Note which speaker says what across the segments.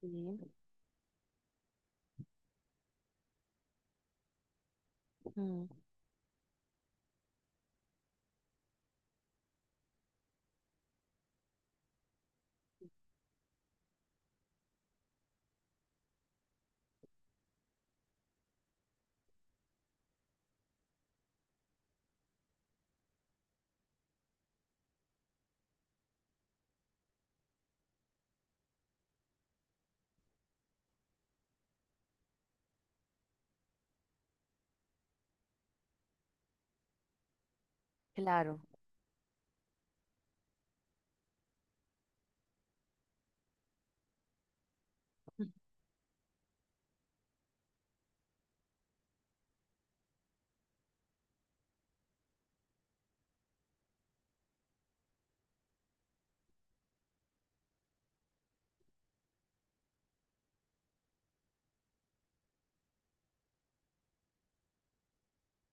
Speaker 1: Sí, mm, claro.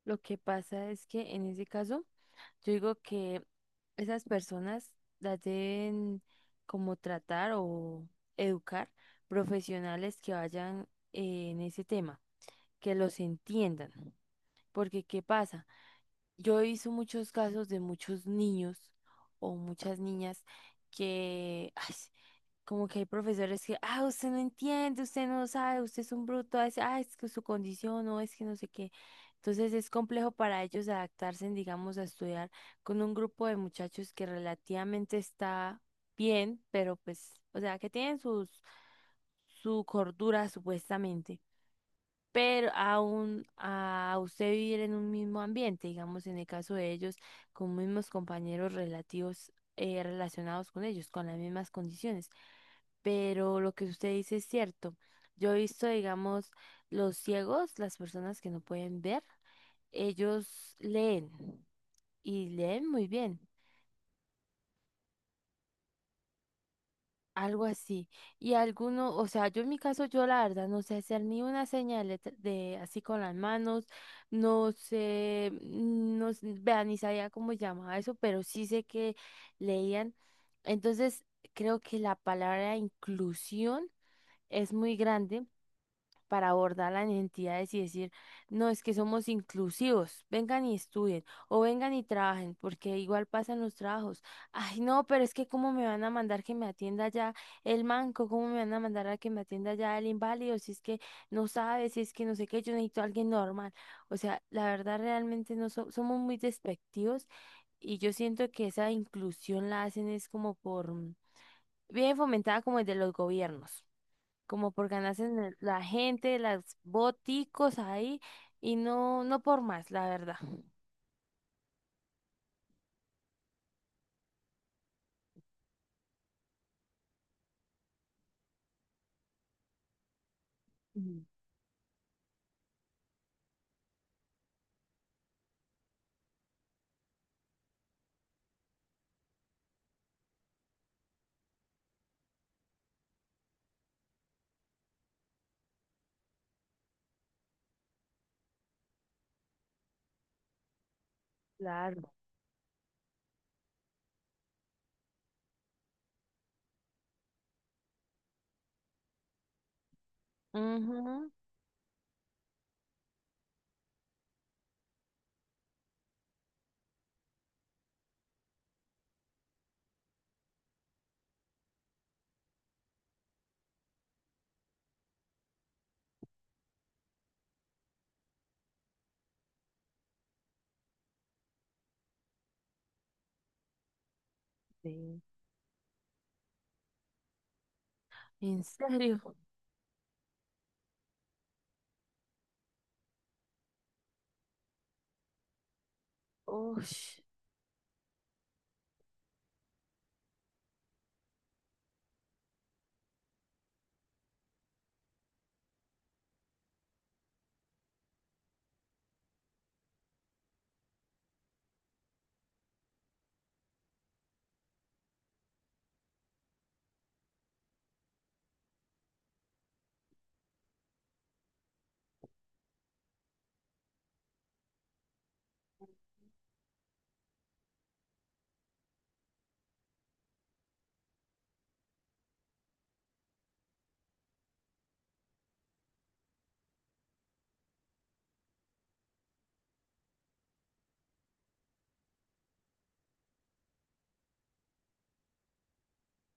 Speaker 1: Lo que pasa es que en ese caso, yo digo que esas personas las deben como tratar o educar profesionales que vayan en ese tema, que los entiendan. Porque, ¿qué pasa? Yo he visto muchos casos de muchos niños o muchas niñas que, ay, como que hay profesores que, ah, usted no entiende, usted no sabe, usted es un bruto, ah, es que su condición, no, es que no sé qué. Entonces es complejo para ellos adaptarse, en, digamos, a estudiar con un grupo de muchachos que relativamente está bien, pero pues, o sea, que tienen sus, su cordura supuestamente, pero aún a usted vivir en un mismo ambiente, digamos, en el caso de ellos, con mismos compañeros relativos, relacionados con ellos, con las mismas condiciones. Pero lo que usted dice es cierto. Yo he visto, digamos, los ciegos, las personas que no pueden ver, ellos leen y leen muy bien, algo así. Y alguno, o sea, yo en mi caso, yo la verdad no sé hacer ni una señal de, así con las manos, no sé, no, vea, ni sabía cómo llamaba eso, pero sí sé que leían. Entonces, creo que la palabra inclusión es muy grande para abordar las entidades y decir, no, es que somos inclusivos, vengan y estudien o vengan y trabajen, porque igual pasan los trabajos. Ay, no, pero es que cómo me van a mandar que me atienda ya el manco, cómo me van a mandar a que me atienda ya el inválido, si es que no sabe, si es que no sé qué, yo necesito a alguien normal. O sea, la verdad realmente no so- somos muy despectivos y yo siento que esa inclusión la hacen es como por, bien fomentada como desde los gobiernos como por ganarse en la gente, las boticos ahí, y no, no por más, la verdad. Mm, claro, ujú, sí. ¿En serio? Ush.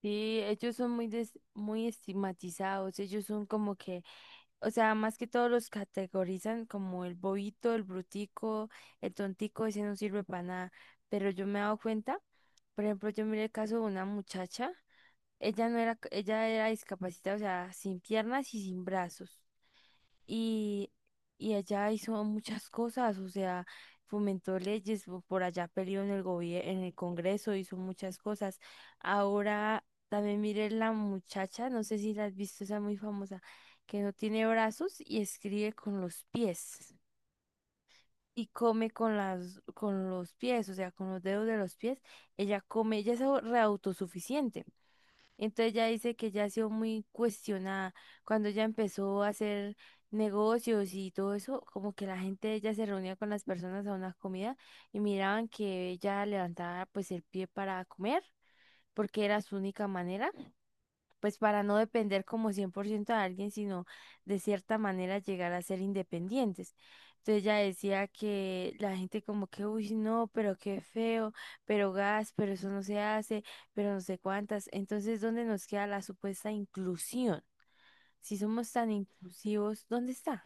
Speaker 1: Sí, ellos son muy, muy estigmatizados, ellos son como que, o sea, más que todos los categorizan como el bobito, el brutico, el tontico, ese no sirve para nada, pero yo me he dado cuenta, por ejemplo, yo miré el caso de una muchacha. Ella no era, ella era discapacitada, o sea, sin piernas y sin brazos. Y, y ella hizo muchas cosas, o sea, fomentó leyes, por allá peleó en en el Congreso, hizo muchas cosas. Ahora también mire la muchacha, no sé si la has visto, esa muy famosa, que no tiene brazos y escribe con los pies. Y come con las, con los pies, o sea, con los dedos de los pies. Ella come, ella es reautosuficiente. Entonces ya dice que ya ha sido muy cuestionada cuando ella empezó a hacer negocios y todo eso, como que la gente de ella se reunía con las personas a una comida y miraban que ella levantaba pues el pie para comer porque era su única manera pues para no depender como 100% de alguien, sino de cierta manera llegar a ser independientes. Entonces ella decía que la gente como que, uy, no, pero qué feo, pero gas, pero eso no se hace, pero no sé cuántas. Entonces, ¿dónde nos queda la supuesta inclusión? Si somos tan inclusivos, ¿dónde está?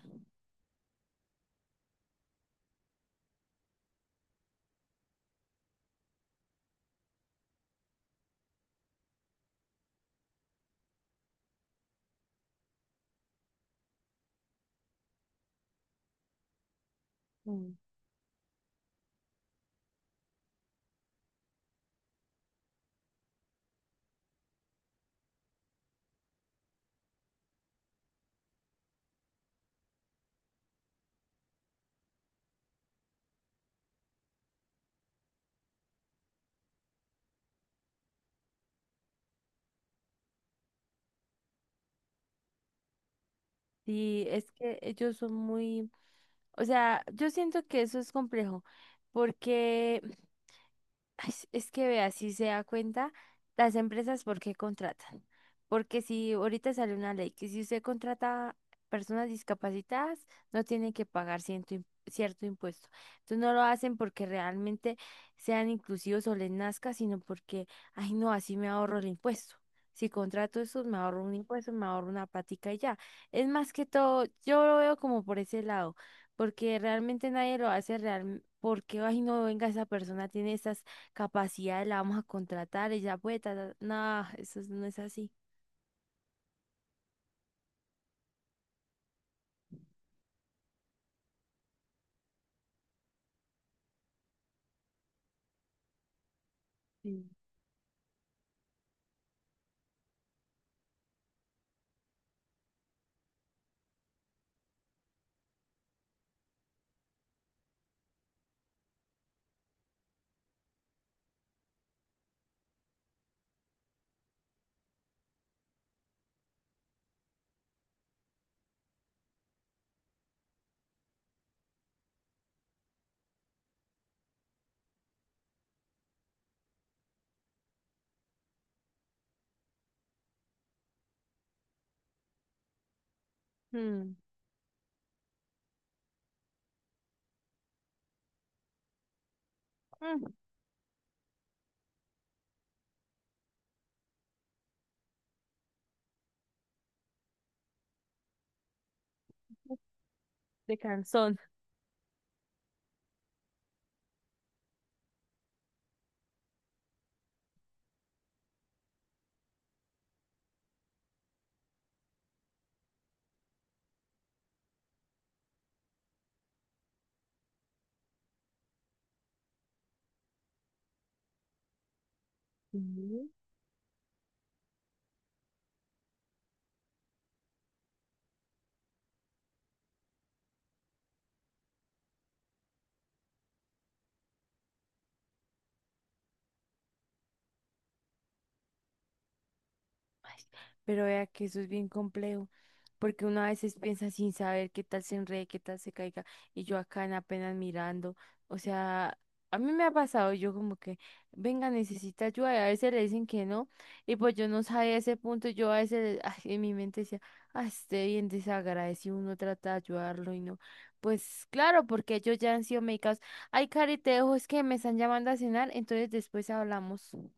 Speaker 1: Mm. Sí, es que ellos son muy, o sea, yo siento que eso es complejo, porque ay, es que vea, si se da cuenta, las empresas, ¿por qué contratan? Porque si ahorita sale una ley que si usted contrata personas discapacitadas, no tiene que pagar cierto impuesto. Entonces no lo hacen porque realmente sean inclusivos o les nazca, sino porque, ay no, así me ahorro el impuesto. Si contrato eso, me ahorro un impuesto, me ahorro una patica y ya. Es más que todo, yo lo veo como por ese lado, porque realmente nadie lo hace real, porque, ay no, venga, esa persona tiene estas capacidad la vamos a contratar, ella puede, ta, ta, ta. No, eso no es así. Sí. Mm, mm, de canzón. Ay, pero vea que eso es bien complejo, porque uno a veces piensa sin saber qué tal se enrede, qué tal se caiga, y yo acá en apenas mirando, o sea, a mí me ha pasado, yo como que, venga, necesita ayuda, y a veces le dicen que no, y pues yo no sabía ese punto, yo a veces ay, en mi mente decía, ah, esté bien desagradecido, uno trata de ayudarlo y no, pues claro, porque ellos ya han sido medicados, ay, Cari, te dejo, es que me están llamando a cenar, entonces después hablamos.